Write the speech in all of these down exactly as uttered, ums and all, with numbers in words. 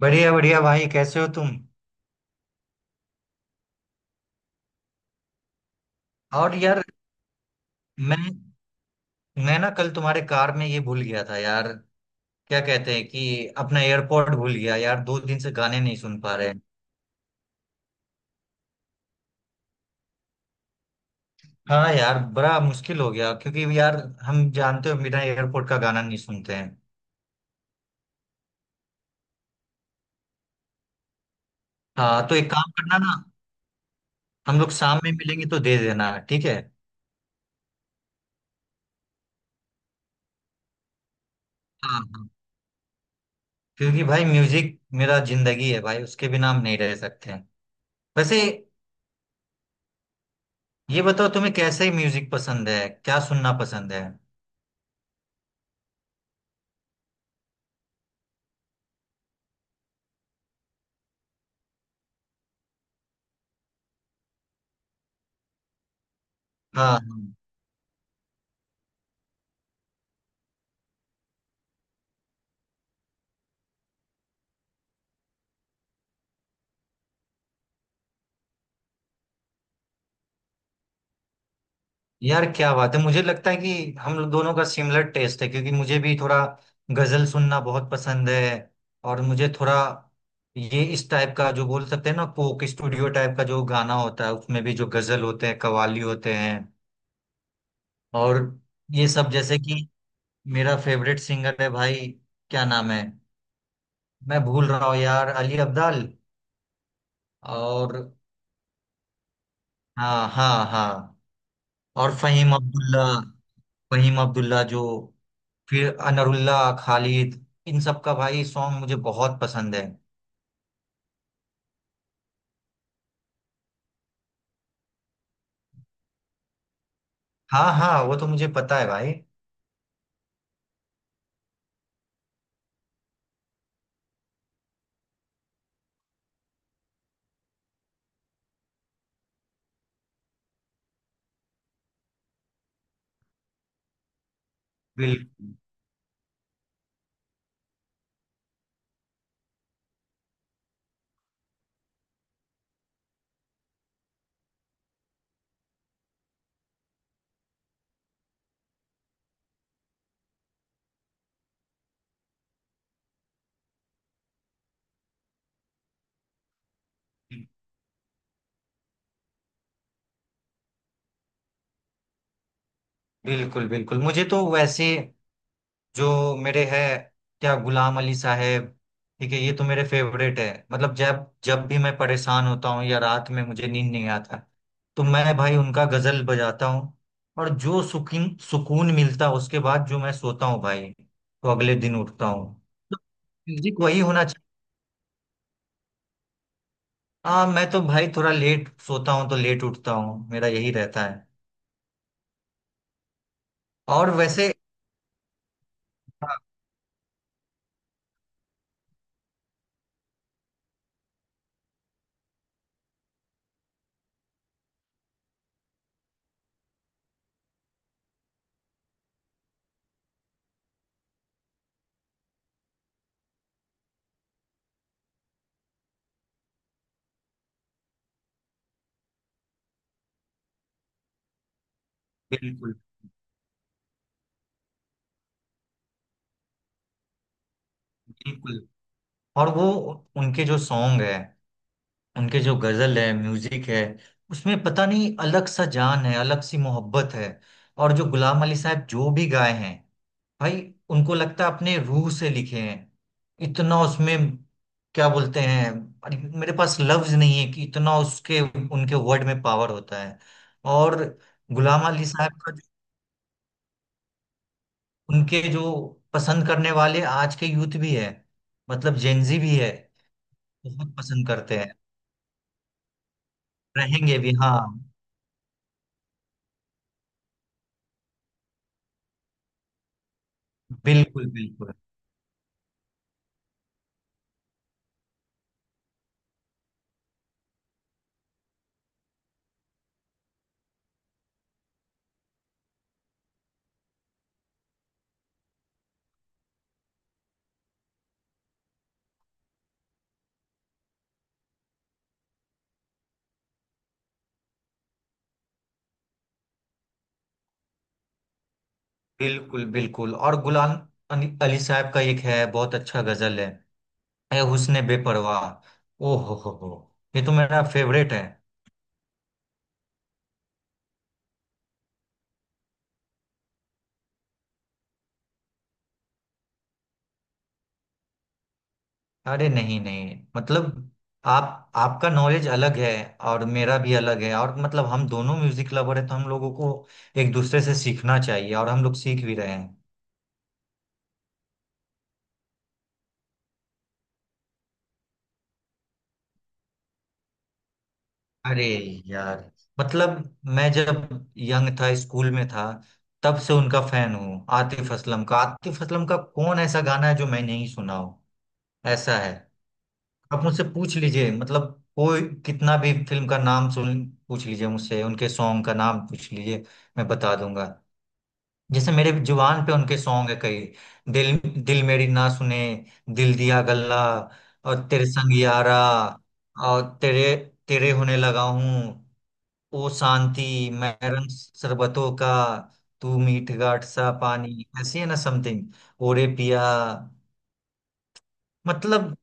बढ़िया बढ़िया भाई, कैसे हो तुम? और यार, मैं मैं ना कल तुम्हारे कार में ये भूल गया था यार। क्या कहते हैं कि अपना एयरपोर्ट भूल गया यार, दो दिन से गाने नहीं सुन पा रहे हैं। हाँ यार, बड़ा मुश्किल हो गया, क्योंकि यार हम जानते हो बिना एयरपोर्ट का गाना नहीं सुनते हैं। हाँ, तो एक काम करना ना, हम लोग शाम में मिलेंगे तो दे देना, ठीक है। हाँ हाँ। क्योंकि भाई म्यूजिक मेरा जिंदगी है भाई, उसके बिना हम नहीं रह सकते हैं। वैसे ये बताओ, तुम्हें कैसे म्यूजिक पसंद है, क्या सुनना पसंद है? हाँ हाँ। यार क्या बात है, मुझे लगता है कि हम लोग दोनों का सिमिलर टेस्ट है, क्योंकि मुझे भी थोड़ा गजल सुनना बहुत पसंद है। और मुझे थोड़ा ये इस टाइप का, जो बोल सकते हैं ना, कोक स्टूडियो टाइप का जो गाना होता है, उसमें भी जो गजल होते हैं, कव्वाली होते हैं। और ये सब, जैसे कि मेरा फेवरेट सिंगर है भाई। क्या नाम है, मैं भूल रहा हूँ यार, अली अब्दाल। और हाँ हाँ हाँ। और फहीम अब्दुल्ला, फहीम अब्दुल्ला जो, फिर अनरुल्ला, खालिद, इन सब का भाई सॉन्ग मुझे बहुत पसंद है। हाँ हाँ वो तो मुझे पता है भाई। बिल्कुल बिल्कुल। बिल्कुल मुझे तो वैसे जो मेरे है, क्या गुलाम अली साहब, ठीक है, ये तो मेरे फेवरेट है। मतलब जब जब भी मैं परेशान होता हूँ या रात में मुझे नींद नहीं आता, तो मैं भाई उनका गजल बजाता हूँ। और जो सुकून सुकून मिलता है, उसके बाद जो मैं सोता हूँ भाई, तो अगले दिन उठता हूँ। म्यूजिक वही होना। हाँ, मैं तो भाई थोड़ा लेट सोता हूँ तो लेट उठता हूँ, मेरा यही रहता है। और वैसे, हाँ। बिल्कुल बिल्कुल। और वो उनके जो सॉन्ग है, उनके जो गजल है, म्यूजिक है, उसमें पता नहीं अलग सा जान है, अलग सी मोहब्बत है। और जो गुलाम अली साहब जो भी गाए हैं भाई, उनको लगता है अपने रूह से लिखे हैं। इतना उसमें, क्या बोलते हैं, अरे मेरे पास लफ्ज नहीं है कि इतना उसके उनके वर्ड में पावर होता है। और गुलाम अली साहब का, उनके जो पसंद करने वाले आज के यूथ भी है, मतलब जेनजी भी है, बहुत पसंद करते हैं। रहेंगे भी, हाँ। बिल्कुल बिल्कुल। बिल्कुल बिल्कुल। और गुलाम अली अली साहब का एक है बहुत अच्छा गजल है, ए हुस्न बेपरवाह, ओ हो हो हो ये तो मेरा फेवरेट है। अरे नहीं नहीं, मतलब आप, आपका नॉलेज अलग है और मेरा भी अलग है, और मतलब हम दोनों म्यूजिक लवर है, तो हम लोगों को एक दूसरे से सीखना चाहिए और हम लोग सीख भी रहे हैं। अरे यार, मतलब मैं जब यंग था, स्कूल में था, तब से उनका फैन हूँ आतिफ असलम का। आतिफ असलम का कौन ऐसा गाना है जो मैं नहीं सुना हूँ। ऐसा है, आप मुझसे पूछ लीजिए, मतलब कोई कितना भी फिल्म का नाम सुन पूछ लीजिए, मुझसे उनके सॉन्ग का नाम पूछ लीजिए, मैं बता दूंगा। जैसे मेरे जुबान पे उनके सॉन्ग है कई, दिल, दिल मेरी ना सुने, दिल दिया गल्ला, और तेरे संग यारा, और तेरे, तेरे होने लगा हूँ, ओ शांति, मैरन शरबतों का, तू मीठ गाठ सा पानी, ऐसी है ना समथिंग, ओरे पिया। मतलब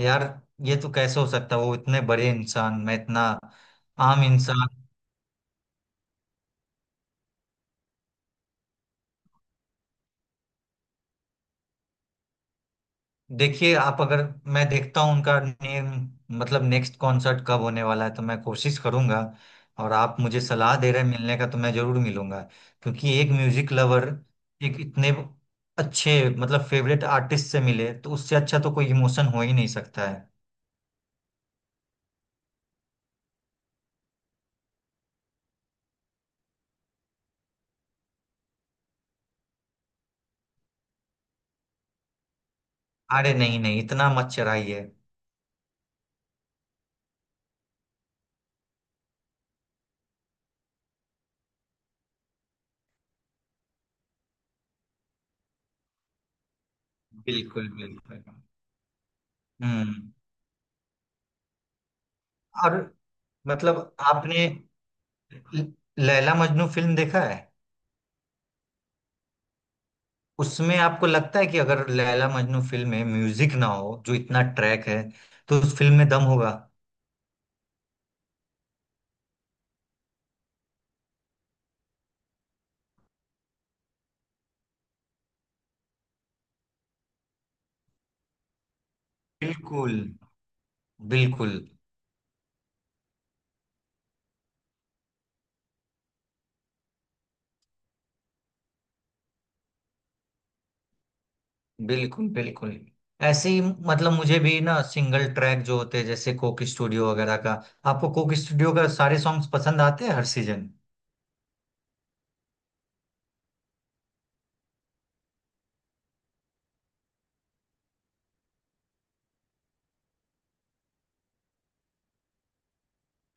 यार, ये तो कैसे हो सकता है, वो इतने बड़े इंसान, मैं इतना आम इंसान। देखिए आप अगर, मैं देखता हूँ उनका ने, मतलब नेक्स्ट कॉन्सर्ट कब होने वाला है, तो मैं कोशिश करूंगा। और आप मुझे सलाह दे रहे हैं मिलने का, तो मैं जरूर मिलूंगा। क्योंकि एक म्यूजिक लवर, एक इतने अच्छे मतलब फेवरेट आर्टिस्ट से मिले, तो उससे अच्छा तो कोई इमोशन हो ही नहीं सकता है। अरे नहीं नहीं, इतना मत चढ़ाइए। बिल्कुल बिल्कुल। हम्म और मतलब आपने ल- लैला मजनू फिल्म देखा है, उसमें आपको लगता है कि अगर लैला मजनू फिल्म में म्यूजिक ना हो, जो इतना ट्रैक है, तो उस फिल्म में दम होगा? बिल्कुल बिल्कुल। बिल्कुल बिल्कुल। ऐसे ही मतलब मुझे भी ना सिंगल ट्रैक जो होते हैं, जैसे कोक स्टूडियो वगैरह का, आपको कोक स्टूडियो का सारे सॉन्ग्स पसंद आते हैं हर सीजन?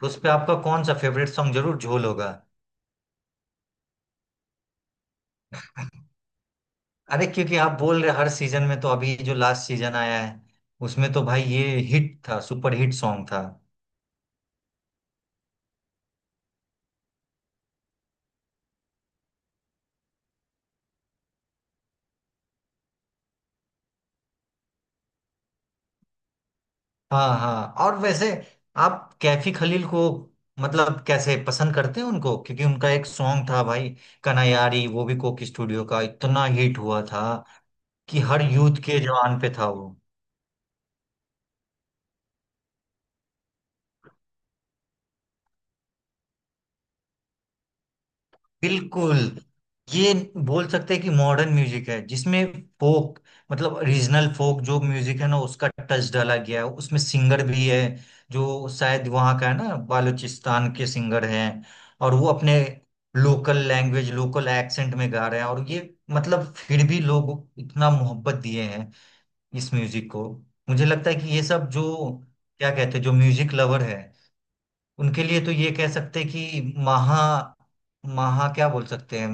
तो उस पे आपका कौन सा फेवरेट सॉन्ग जरूर झोल होगा। अरे क्योंकि आप बोल रहे हर सीजन में, तो अभी जो लास्ट सीजन आया है, उसमें तो भाई ये हिट था, सुपर हिट सॉन्ग था। हाँ हाँ और वैसे आप कैफी खलील को मतलब कैसे पसंद करते हैं उनको? क्योंकि उनका एक सॉन्ग था भाई, कनायारी, वो भी कोक स्टूडियो का इतना हिट हुआ था कि हर यूथ के जवान पे था वो। बिल्कुल। ये बोल सकते हैं कि मॉडर्न म्यूजिक है, जिसमें फोक, मतलब रीजनल फोक जो म्यूजिक है ना, उसका टच डाला गया है। उसमें सिंगर भी है जो शायद वहाँ का है ना, बालूचिस्तान के सिंगर हैं। और वो अपने लोकल लैंग्वेज लोकल एक्सेंट में गा रहे हैं। और ये मतलब फिर भी लोग इतना मोहब्बत दिए हैं इस म्यूजिक को। मुझे लगता है कि ये सब जो, क्या कहते हैं, जो म्यूजिक लवर है, उनके लिए तो ये कह सकते हैं कि महा, महा क्या बोल सकते हैं,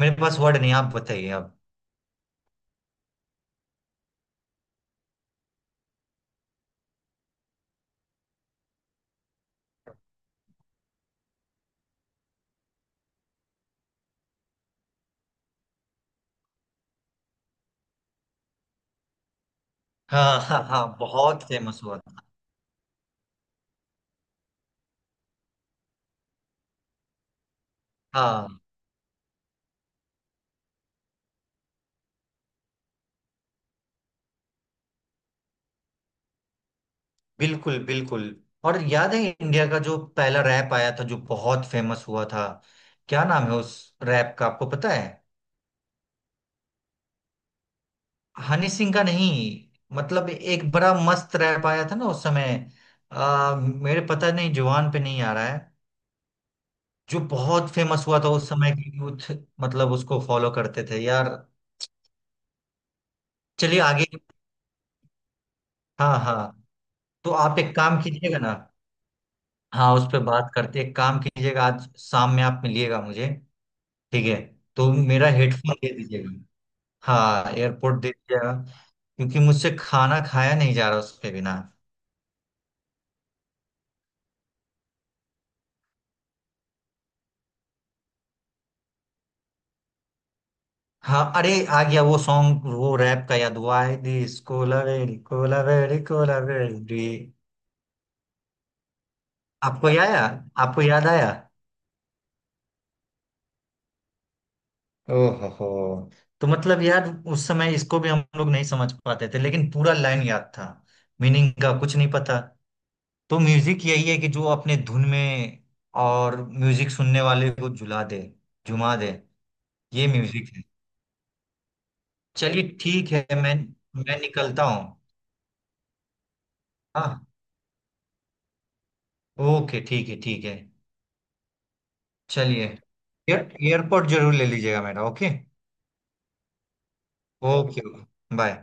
मेरे पास वर्ड नहीं, आप बताइए आप। हाँ हाँ हाँ, बहुत फेमस हुआ था। हाँ बिल्कुल बिल्कुल। और याद है इंडिया का जो पहला रैप आया था, जो बहुत फेमस हुआ था, क्या नाम है उस रैप का, आपको पता है? हनी सिंह का नहीं, मतलब एक बड़ा मस्त रैप आया था ना उस समय। आ, मेरे पता नहीं जुबान पे नहीं आ रहा है। जो बहुत फेमस हुआ था उस समय के यूथ, मतलब उसको फॉलो करते थे यार। चलिए आगे। हाँ हाँ। तो आप एक काम कीजिएगा ना, हाँ उस पर बात करते, एक काम कीजिएगा, आज शाम में आप मिलिएगा मुझे, ठीक है। तो मेरा हेडफोन दे दीजिएगा, हाँ एयरपोर्ट दे दीजिएगा, क्योंकि मुझसे खाना खाया नहीं जा रहा उसके बिना। हाँ अरे, आ गया वो सॉन्ग, वो रैप का याद हुआ है, this Kolaveri Kolaveri Kolaveri. आपको याद आया, आपको याद आया? ओहो हो। तो मतलब यार उस समय इसको भी हम लोग नहीं समझ पाते थे, लेकिन पूरा लाइन याद था, मीनिंग का कुछ नहीं पता। तो म्यूजिक यही है, कि जो अपने धुन में और म्यूजिक सुनने वाले को झुला दे, झुमा दे, ये म्यूजिक है। चलिए ठीक है, मैं मैं निकलता हूँ। हाँ ओके, ठीक है ठीक है। चलिए एयर एयरपोर्ट जरूर ले लीजिएगा मेरा, ओके। Okay, bye.